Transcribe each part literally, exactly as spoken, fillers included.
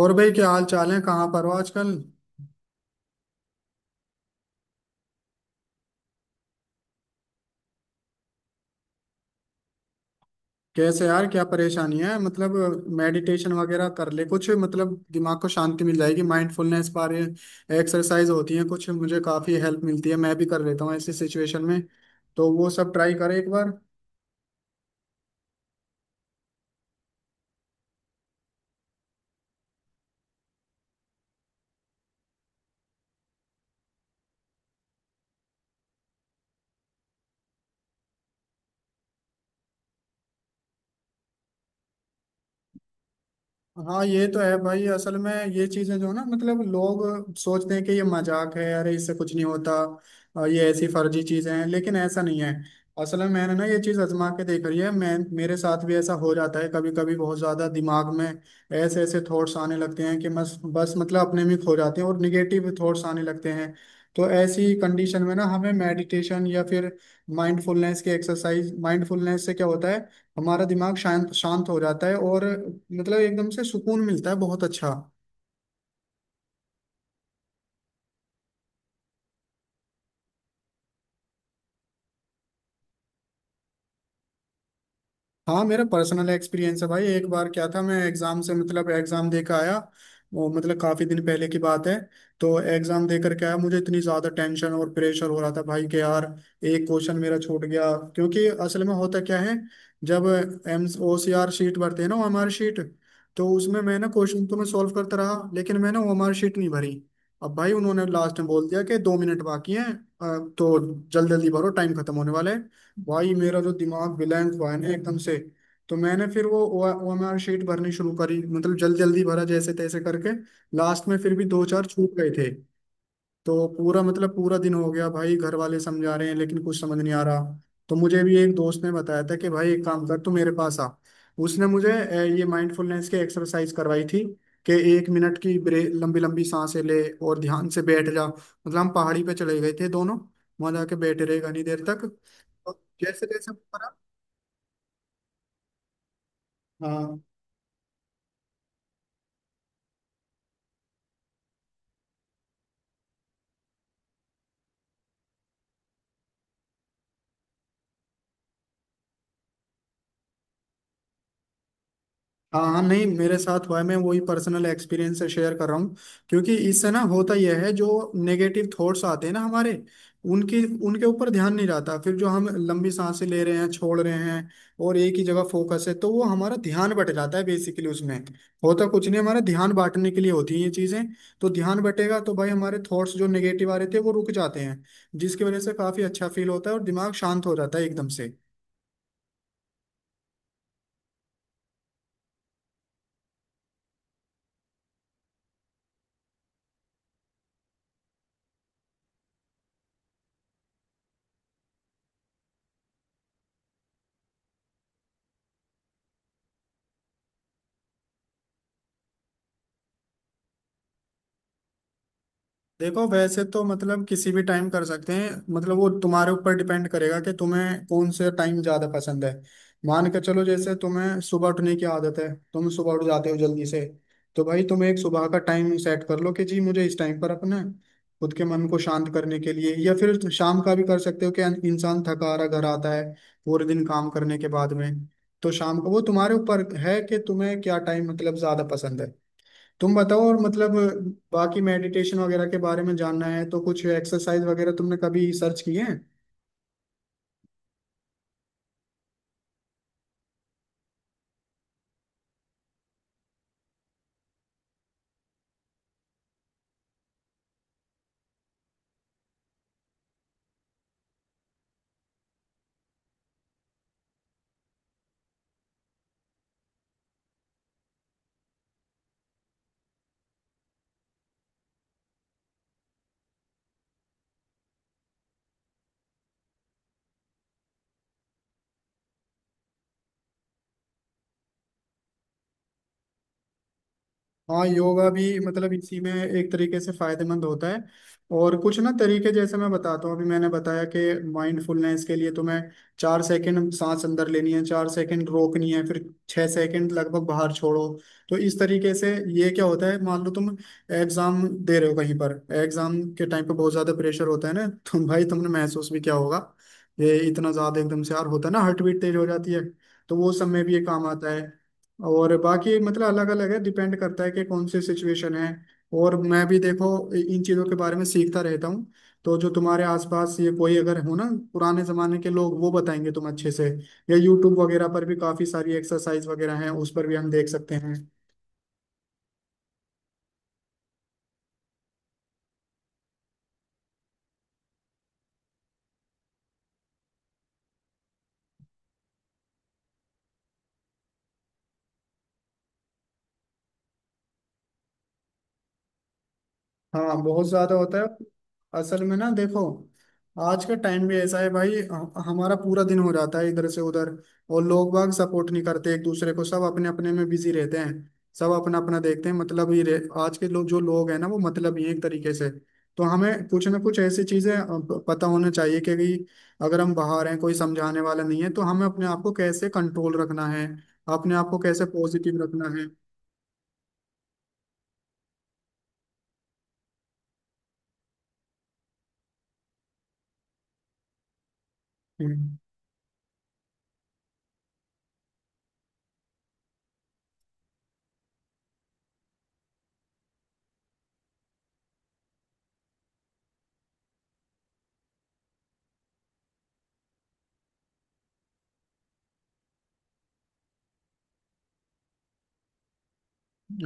और भाई क्या हाल चाल है। कहाँ पर हो आजकल? कैसे यार, क्या परेशानी है मतलब? मेडिटेशन वगैरह कर ले कुछ, मतलब दिमाग को शांति मिल जाएगी। माइंडफुलनेस बारे एक्सरसाइज होती है कुछ, मुझे काफी हेल्प मिलती है, मैं भी कर लेता हूँ ऐसी सिचुएशन में। तो वो सब ट्राई कर एक बार। हाँ ये तो है भाई, असल में ये चीजें जो है ना, मतलब लोग सोचते हैं कि ये मजाक है, अरे इससे कुछ नहीं होता। अ, ये ऐसी फर्जी चीजें हैं लेकिन ऐसा नहीं है। असल में मैंने ना ये चीज आजमा के देख रही है, मैं मेरे साथ भी ऐसा हो जाता है कभी कभी, बहुत ज्यादा दिमाग में ऐसे ऐसे थॉट्स आने लगते हैं कि बस बस मतलब अपने में खो जाते हैं और निगेटिव थॉट्स आने लगते हैं। तो ऐसी कंडीशन में ना हमें मेडिटेशन या फिर माइंडफुलनेस की एक्सरसाइज। माइंडफुलनेस से क्या होता है, हमारा दिमाग शांत शांत हो जाता है और मतलब एकदम से सुकून मिलता है बहुत अच्छा। हाँ मेरा पर्सनल एक्सपीरियंस है भाई। एक बार क्या था, मैं एग्जाम से मतलब एग्जाम दे के आया, वो मतलब काफी दिन पहले की बात है। तो एग्जाम दे करके आया, मुझे इतनी ज्यादा टेंशन और प्रेशर हो रहा था भाई कि यार एक क्वेश्चन मेरा छूट गया। क्योंकि असल में होता क्या है, जब M O C R sheet भरते हैं ना, ओ एम आर शीट, तो उसमें मैं ना क्वेश्चन तो मैं सॉल्व करता रहा लेकिन मैंने ओ एम आर शीट नहीं भरी। अब भाई उन्होंने लास्ट में बोल दिया कि दो मिनट बाकी हैं। अ, तो जल्दी जल्दी भरो, टाइम खत्म होने वाला है। भाई मेरा तो दिमाग ब्लैंक हुआ है ना एकदम से। तो मैंने फिर वो ओ एम आर शीट भरनी शुरू करी, मतलब जल्दी जल्दी भरा जैसे तैसे करके, लास्ट में फिर भी दो चार छूट गए थे। तो पूरा मतलब पूरा दिन हो गया भाई, घर वाले समझा रहे हैं लेकिन कुछ समझ नहीं आ रहा। तो मुझे भी एक दोस्त ने बताया था कि भाई एक काम कर तू मेरे पास आ। उसने मुझे अ, ये माइंडफुलनेस की एक्सरसाइज करवाई थी कि एक मिनट की ब्रे लंबी लंबी सांसें ले और ध्यान से बैठ जा, मतलब हम पहाड़ी पे चले गए थे दोनों, वहां जाके बैठे रहे घनी देर तक। और जैसे जैसे ऊपर आ- हाँ हाँ, हाँ नहीं, मेरे साथ हुआ है, मैं वही पर्सनल एक्सपीरियंस से शेयर कर रहा हूँ। क्योंकि इससे ना होता यह है, जो नेगेटिव थॉट्स आते हैं ना हमारे, उनकी उनके ऊपर ध्यान नहीं रहता फिर, जो हम लंबी सांसें ले रहे हैं छोड़ रहे हैं और एक ही जगह फोकस है, तो वो हमारा ध्यान बट जाता है बेसिकली उसमें। होता कुछ नहीं, हमारा ध्यान बांटने के लिए होती है ये चीज़ें। तो ध्यान बटेगा तो भाई हमारे थॉट्स जो नेगेटिव आ रहे थे वो रुक जाते हैं, जिसकी वजह से काफ़ी अच्छा फील होता है और दिमाग शांत हो जाता है एकदम से। देखो वैसे तो मतलब किसी भी टाइम कर सकते हैं, मतलब वो तुम्हारे ऊपर डिपेंड करेगा कि तुम्हें कौन से टाइम ज्यादा पसंद है। मान के चलो जैसे तुम्हें सुबह उठने की आदत है, तुम सुबह उठ जाते हो जल्दी से, तो भाई तुम एक सुबह का टाइम सेट कर लो कि जी मुझे इस टाइम पर अपने खुद के मन को शांत करने के लिए। या फिर शाम का भी कर सकते हो कि इंसान थका हारा घर आता है पूरे दिन काम करने के बाद में, तो शाम को। वो तुम्हारे ऊपर है कि तुम्हें क्या टाइम मतलब ज्यादा पसंद है, तुम बताओ। और मतलब बाकी मेडिटेशन वगैरह के बारे में जानना है तो कुछ एक्सरसाइज वगैरह तुमने कभी सर्च किए हैं? हाँ योगा भी मतलब इसी में एक तरीके से फायदेमंद होता है। और कुछ ना तरीके जैसे मैं बताता हूँ, अभी मैंने बताया कि माइंडफुलनेस के लिए तुम्हें चार सेकंड सांस अंदर लेनी है, चार सेकंड रोकनी है, फिर छह सेकंड लगभग बाहर छोड़ो। तो इस तरीके से, ये क्या होता है, मान लो तुम एग्जाम दे रहे हो कहीं पर, एग्जाम के टाइम पे बहुत ज्यादा प्रेशर होता है ना तुम भाई तुमने महसूस भी किया होगा, ये इतना ज्यादा एकदम से यार होता है ना, हार्ट बीट तेज हो जाती है। तो वो सब में भी ये काम आता है। और बाकी मतलब अलग अलग है, डिपेंड करता है कि कौन सी सिचुएशन है। और मैं भी देखो इन चीज़ों के बारे में सीखता रहता हूँ। तो जो तुम्हारे आसपास ये कोई अगर हो ना पुराने जमाने के लोग, वो बताएंगे तुम अच्छे से। या यूट्यूब वगैरह पर भी काफ़ी सारी एक्सरसाइज वगैरह हैं, उस पर भी हम देख सकते हैं। हाँ बहुत ज्यादा होता है। असल में ना देखो, आज का टाइम भी ऐसा है भाई, हम- हमारा पूरा दिन हो जाता है इधर से उधर और लोग बाग सपोर्ट नहीं करते एक दूसरे को, सब अपने अपने में बिजी रहते हैं। सब अपना अपना देखते हैं, मतलब ही रह, आज के लोग जो लोग हैं ना वो मतलब ही हैं एक तरीके से। तो हमें कुछ ना कुछ ऐसी चीजें अ, प- पता होना चाहिए कि भाई अगर हम बाहर हैं, कोई समझाने वाला नहीं है, तो हमें अपने आप को कैसे कंट्रोल रखना है, अपने आप को कैसे पॉजिटिव रखना है।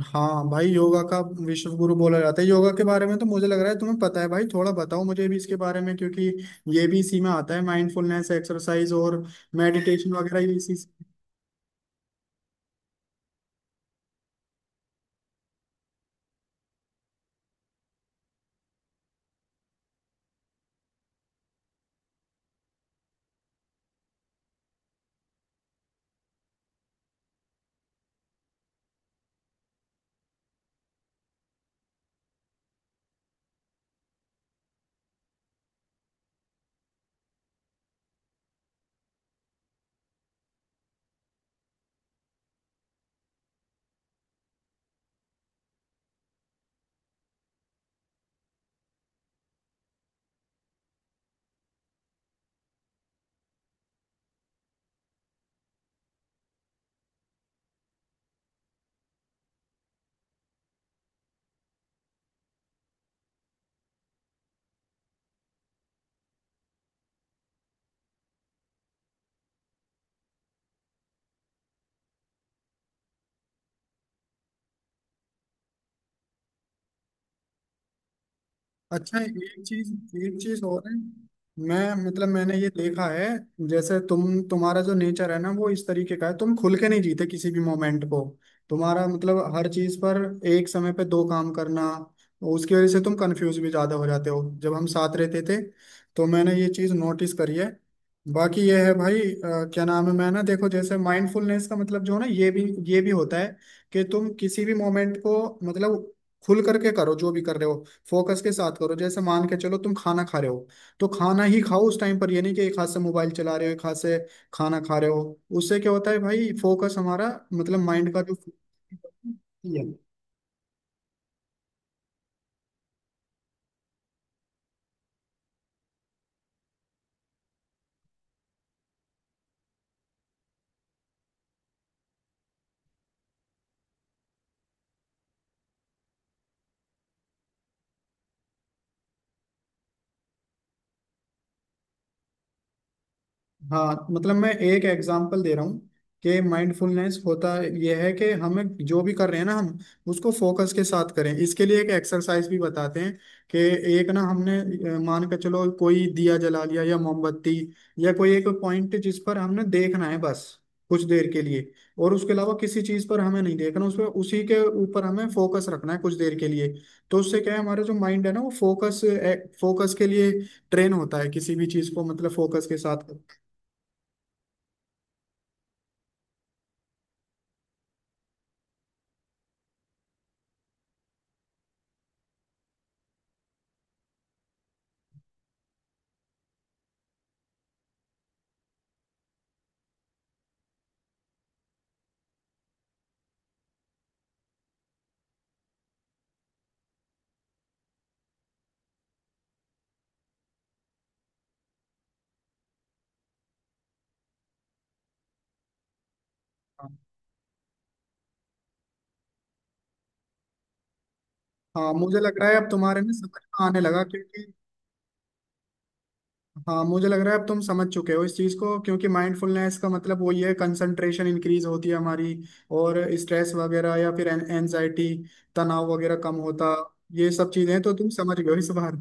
हाँ भाई योगा का विश्व गुरु बोला जाता है योगा के बारे में। तो मुझे लग रहा है तुम्हें पता है भाई, थोड़ा बताओ मुझे भी इसके बारे में, क्योंकि ये भी इसी में आता है, माइंडफुलनेस एक्सरसाइज और मेडिटेशन वगैरह ये इसी। अच्छा एक चीज, एक चीज और है, मैं मतलब मैंने ये देखा है, जैसे तुम तुम्हारा जो नेचर है ना वो इस तरीके का है, तुम खुल के नहीं जीते किसी भी मोमेंट को। तुम्हारा मतलब हर चीज पर एक समय पे दो काम करना, उसकी वजह से तुम कंफ्यूज भी ज्यादा हो जाते हो। जब हम साथ रहते थे तो मैंने ये चीज नोटिस करी है। बाकी ये है भाई, अ, क्या नाम है, मैं ना देखो जैसे माइंडफुलनेस का मतलब जो है ना, ये भी ये भी होता है कि तुम किसी भी मोमेंट को मतलब खुल करके करो, जो भी कर रहे हो फोकस के साथ करो। जैसे मान के चलो तुम खाना खा रहे हो, तो खाना ही खाओ उस टाइम पर, ये नहीं कि एक हाथ से मोबाइल चला रहे हो, एक हाथ से खाना खा रहे हो। उससे क्या होता है भाई, फोकस हमारा मतलब माइंड का जो, हाँ मतलब मैं एक एग्जांपल दे रहा हूँ कि माइंडफुलनेस होता यह है कि हमें जो भी कर रहे हैं ना हम, उसको फोकस के साथ करें। इसके लिए एक एक्सरसाइज भी बताते हैं कि एक ना हमने अ, मान के चलो कोई दिया जला लिया या मोमबत्ती या कोई एक पॉइंट, जिस पर हमने देखना है बस कुछ देर के लिए, और उसके अलावा किसी चीज पर हमें नहीं देखना उसमें, उसी के ऊपर हमें फोकस रखना है कुछ देर के लिए। तो उससे क्या है, हमारा जो माइंड है ना वो फोकस फोकस के लिए ट्रेन होता है, किसी भी चीज को मतलब फोकस के साथ। हाँ मुझे लग रहा है अब तुम्हारे में समझ में आने लगा क्योंकि, हाँ मुझे लग रहा है अब तुम समझ चुके हो इस चीज को। क्योंकि माइंडफुलनेस का मतलब वही है, कंसंट्रेशन इंक्रीज होती है हमारी और स्ट्रेस वगैरह या फिर एनजाइटी, तनाव वगैरह कम होता। ये सब चीजें तो तुम समझ गए हो इस बार।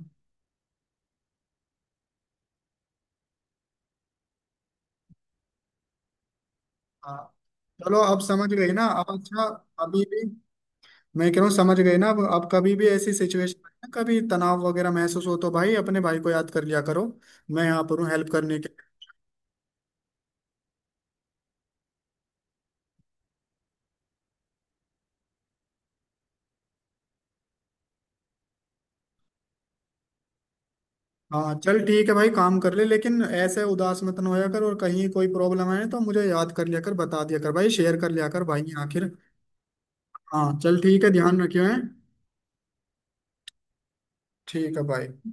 हाँ चलो अब समझ गए ना, अब अच्छा। अभी भी मैं कह रहा हूँ समझ गए ना अब अब कभी भी ऐसी सिचुएशन कभी तनाव वगैरह महसूस हो तो भाई अपने भाई को याद कर लिया करो। मैं यहाँ पर हूँ हेल्प करने के। हाँ चल ठीक है भाई काम कर ले, लेकिन ऐसे उदास मत ना होया कर, और कहीं कोई प्रॉब्लम आए तो मुझे याद कर लिया कर, बता दिया कर भाई, शेयर कर लिया कर भाई आखिर। हाँ चल ठीक है, ध्यान रखियो है, ठीक है भाई।